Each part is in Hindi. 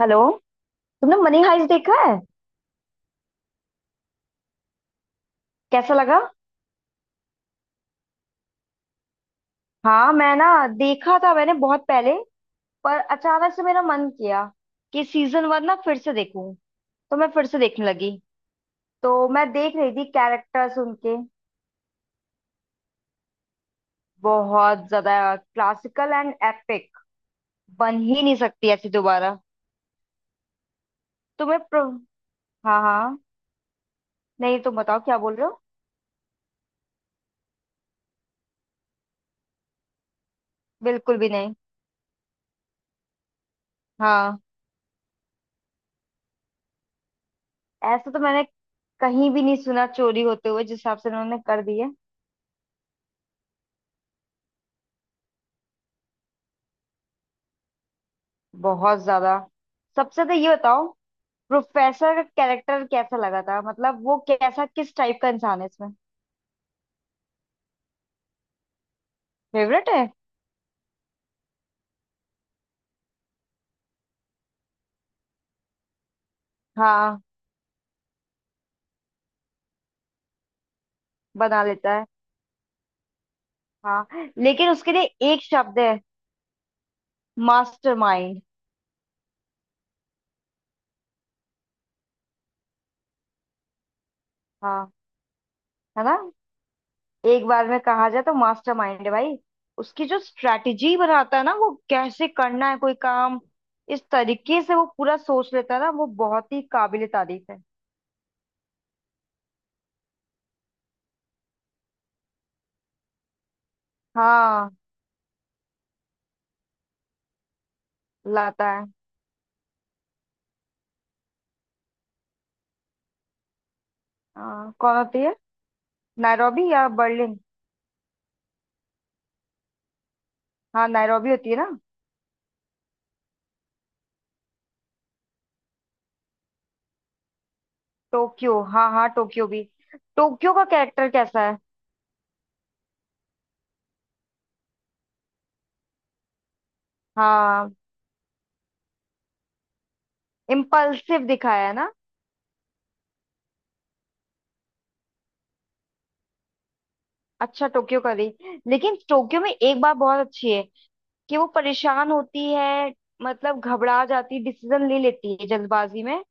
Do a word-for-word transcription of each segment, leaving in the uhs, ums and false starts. हेलो। तुमने मनी हाइस्ट देखा है? कैसा लगा? हाँ, मैं ना देखा था मैंने बहुत पहले, पर अचानक से मेरा मन किया कि सीजन वन ना फिर से देखूं, तो मैं फिर से देखने लगी। तो मैं देख रही थी कैरेक्टर्स उनके। बहुत ज्यादा क्लासिकल एंड एपिक। बन ही नहीं सकती ऐसी दोबारा। तुम्हें प्र... हाँ हाँ। नहीं, तुम बताओ क्या बोल रहे हो। बिल्कुल भी नहीं। हाँ। ऐसा तो मैंने कहीं भी नहीं सुना, चोरी होते हुए जिस हिसाब से उन्होंने कर दी है। बहुत ज्यादा। सबसे तो ये बताओ, प्रोफेसर का कैरेक्टर कैसा लगा था? मतलब वो कैसा, किस टाइप का इंसान है इसमें? फेवरेट है। हाँ। बना लेता है। हाँ, लेकिन उसके लिए एक शब्द है, मास्टरमाइंड। हाँ, है ना? एक बार में कहा जाए तो मास्टरमाइंड है भाई। उसकी जो स्ट्रेटजी बनाता है ना, वो कैसे करना है कोई काम, इस तरीके से वो पूरा सोच लेता है ना, वो बहुत ही काबिले तारीफ है। हाँ, लाता है। हाँ, कौन होती है? नैरोबी या बर्लिन? हाँ, नैरोबी होती है ना। टोक्यो, हाँ हाँ, टोक्यो भी। टोक्यो का कैरेक्टर कैसा है? हाँ, इम्पल्सिव दिखाया है ना। अच्छा, टोक्यो का भी। लेकिन टोक्यो में एक बात बहुत अच्छी है कि वो परेशान होती है, मतलब घबरा जाती, डिसीजन ले लेती है जल्दबाजी में।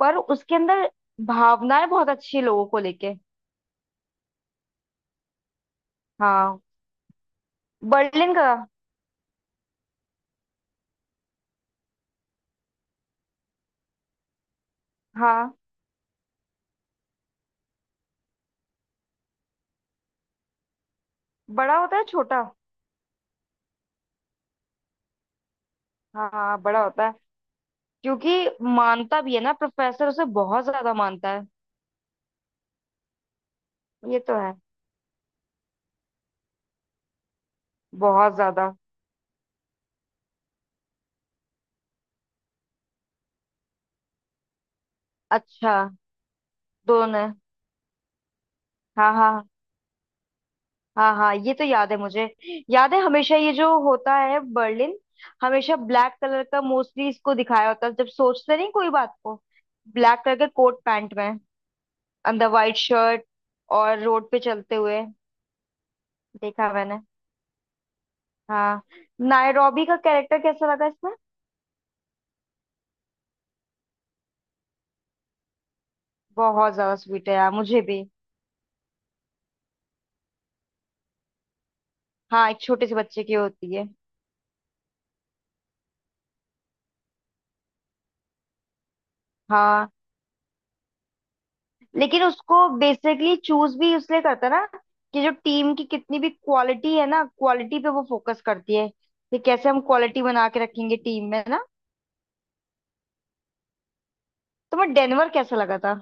पर उसके अंदर भावनाएं बहुत अच्छी है लोगों को लेके। हाँ। बर्लिन का? हाँ, बड़ा होता है छोटा? हाँ हाँ, बड़ा होता है। क्योंकि मानता भी है ना, प्रोफेसर उसे बहुत ज्यादा मानता है। ये तो है। बहुत ज्यादा। अच्छा। दोनों। हाँ हाँ। हाँ हाँ, ये तो याद है मुझे। याद है, हमेशा ये जो होता है बर्लिन, हमेशा ब्लैक कलर का मोस्टली इसको दिखाया होता है जब सोचते नहीं कोई बात को। ब्लैक कलर के कोट पैंट में, अंदर वाइट शर्ट, और रोड पे चलते हुए। देखा मैंने। हाँ। नायरोबी का कैरेक्टर कैसा लगा इसमें? बहुत ज्यादा स्वीट है यार, मुझे भी। हाँ, एक छोटे से बच्चे की होती है। हाँ, लेकिन उसको बेसिकली चूज भी इसलिए करता है ना कि जो टीम की कितनी भी क्वालिटी है ना, क्वालिटी पे वो फोकस करती है कि कैसे हम क्वालिटी बना के रखेंगे टीम में ना। तो मैं डेनवर कैसा लगा था?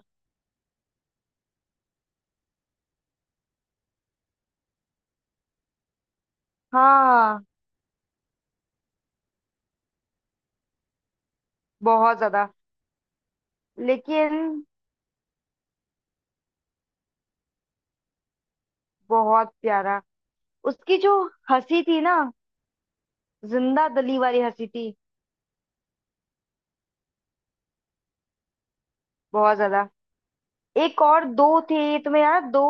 हाँ। बहुत ज्यादा। लेकिन बहुत प्यारा। उसकी जो हंसी थी ना, जिंदा दिली वाली हंसी थी। बहुत ज्यादा। एक और दो थे, तुम्हें याद? दो,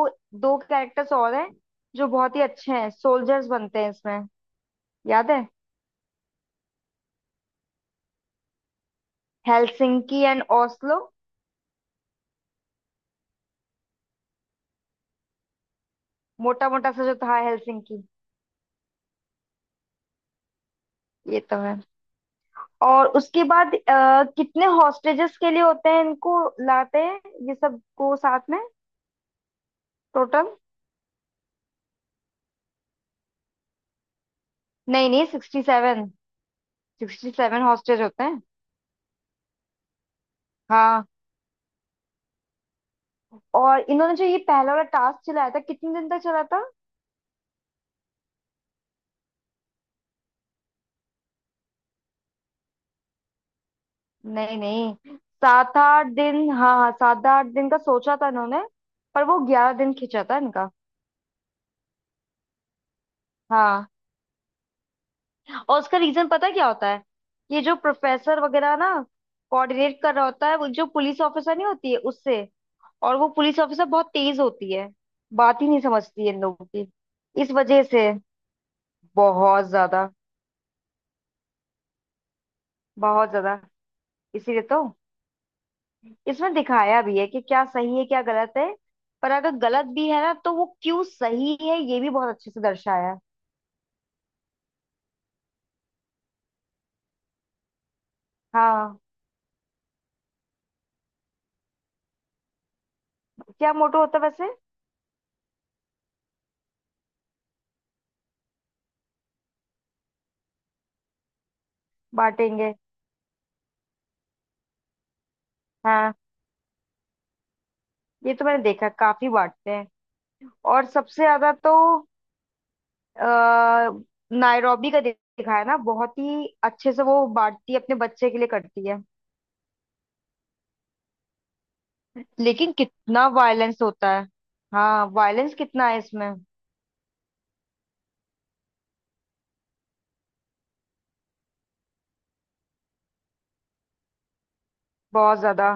दो कैरेक्टर्स और हैं जो बहुत ही अच्छे हैं, सोल्जर्स बनते हैं इसमें। याद है? Helsinki and Oslo. मोटा मोटा सा जो था, हेलसिंकी। ये तो है। और उसके बाद अ, कितने हॉस्टेजेस के लिए होते हैं इनको, लाते हैं ये सब को साथ में? टोटल? नहीं नहीं, sixty seven. Sixty seven hostage होते हैं। हाँ। और इन्होंने जो ये पहला वाला टास्क चलाया था, कितने दिन तक चला था? नहीं नहीं, सात आठ दिन, हाँ हाँ, सात आठ दिन का सोचा था इन्होंने, पर वो ग्यारह दिन खींचा था इनका। हाँ। और उसका रीजन पता है क्या होता है? ये जो प्रोफेसर वगैरह ना, कोऑर्डिनेट कर रहा होता है वो जो पुलिस ऑफिसर नहीं होती है उससे, और वो पुलिस ऑफिसर बहुत तेज होती है, बात ही नहीं समझती है इन लोगों की। इस वजह से। बहुत ज्यादा। बहुत ज्यादा। इसीलिए तो इसमें दिखाया भी है कि क्या सही है, क्या गलत है। पर अगर गलत भी है ना, तो वो क्यों सही है, ये भी बहुत अच्छे से दर्शाया है। हाँ। क्या मोटो होता है वैसे? बांटेंगे। हाँ, ये तो मैंने देखा, काफी बांटते हैं। और सबसे ज्यादा तो आ, नायरोबी का दिखाया ना बहुत ही अच्छे से, वो बांटती है, अपने बच्चे के लिए करती है। लेकिन कितना वायलेंस होता है। हाँ, वायलेंस कितना है इसमें। बहुत ज्यादा।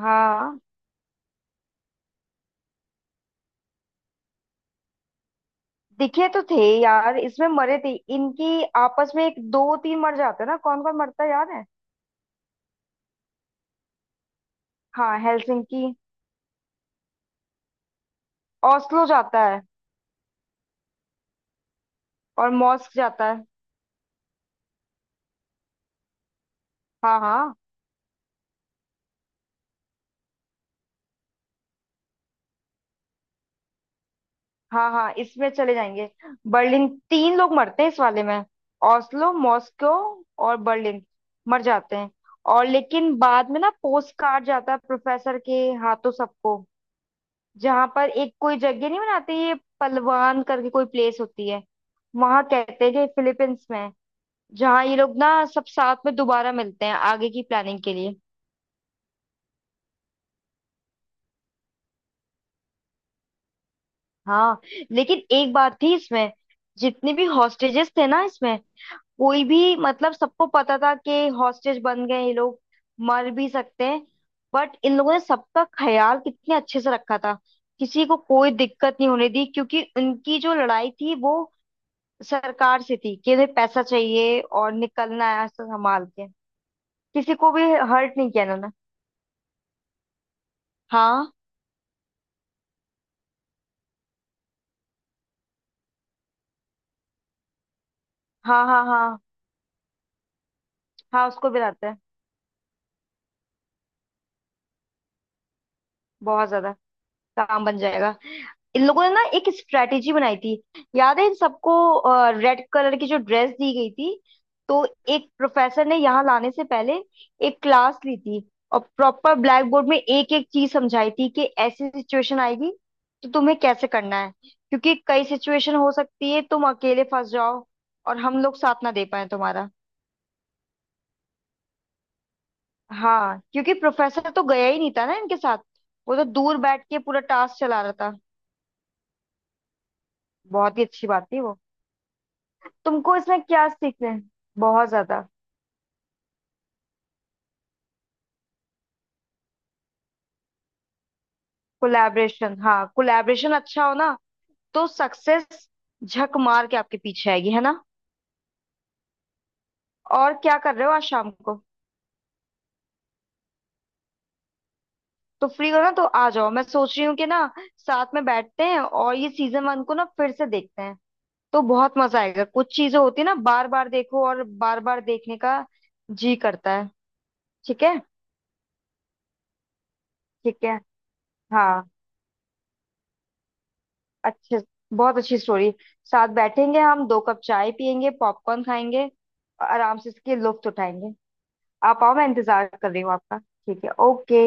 हाँ दिखे तो थे। यार इसमें मरे थे इनकी आपस में, एक दो तीन मर जाते हैं ना, कौन कौन मरता है याद है? हाँ, हेलसिंकी, ओस्लो जाता है, और मॉस्क जाता है। हाँ हाँ हाँ। हाँ, इसमें चले जाएंगे। बर्लिन, तीन लोग मरते हैं इस वाले में। ओस्लो, मॉस्को और बर्लिन मर जाते हैं। और लेकिन बाद में ना पोस्ट कार्ड जाता है प्रोफेसर के हाथों सबको, जहां पर एक कोई जगह नहीं बनाती ये, पलवान करके कोई प्लेस होती है, वहां कहते हैं कि फिलीपींस में है, जहाँ ये लोग ना सब साथ में दोबारा मिलते हैं आगे की प्लानिंग के लिए। हाँ। लेकिन एक बात थी इसमें, जितने भी हॉस्टेजेस थे ना इसमें, कोई भी मतलब सबको पता था कि हॉस्टेज बन गए ये लोग, मर भी सकते हैं, बट इन लोगों ने सबका ख्याल कितने अच्छे से रखा था, किसी को कोई दिक्कत नहीं होने दी, क्योंकि उनकी जो लड़ाई थी वो सरकार से थी कि उन्हें पैसा चाहिए और निकलना है ऐसा संभाल के, किसी को भी हर्ट नहीं किया इन्होंने। हाँ हाँ हाँ। हाँ। हाँ, उसको भी रहता है। बहुत ज्यादा। काम बन जाएगा। इन लोगों ने ना एक स्ट्रेटेजी बनाई थी। याद है, इन सबको रेड कलर की जो ड्रेस दी गई थी, तो एक प्रोफेसर ने यहाँ लाने से पहले एक क्लास ली थी, और प्रॉपर ब्लैक बोर्ड में एक एक चीज समझाई थी कि ऐसी सिचुएशन आएगी, तो तुम्हें कैसे करना है, क्योंकि कई सिचुएशन हो सकती है, तुम अकेले फंस जाओ और हम लोग साथ ना दे पाए तुम्हारा। हाँ, क्योंकि प्रोफेसर तो गया ही नहीं था ना इनके साथ, वो तो दूर बैठ के पूरा टास्क चला रहा था। बहुत ही अच्छी बात थी वो। तुमको इसमें क्या सीखना है? बहुत ज्यादा। कोलैबोरेशन, हाँ, कोलैबोरेशन अच्छा हो ना, तो सक्सेस झक मार के आपके पीछे आएगी, है ना? और क्या कर रहे हो आज शाम को? तो फ्री हो ना, तो आ जाओ, मैं सोच रही हूँ कि ना साथ में बैठते हैं और ये सीजन वन को ना फिर से देखते हैं, तो बहुत मजा आएगा। कुछ चीजें होती है ना, बार बार देखो और बार बार देखने का जी करता है। ठीक है? ठीक है। हाँ, अच्छे, बहुत अच्छी स्टोरी। साथ बैठेंगे, हम दो कप चाय पियेंगे, पॉपकॉर्न खाएंगे और आराम से इसके लुत्फ उठाएंगे। आप आओ, मैं इंतजार कर रही हूँ आपका। ठीक है? ओके।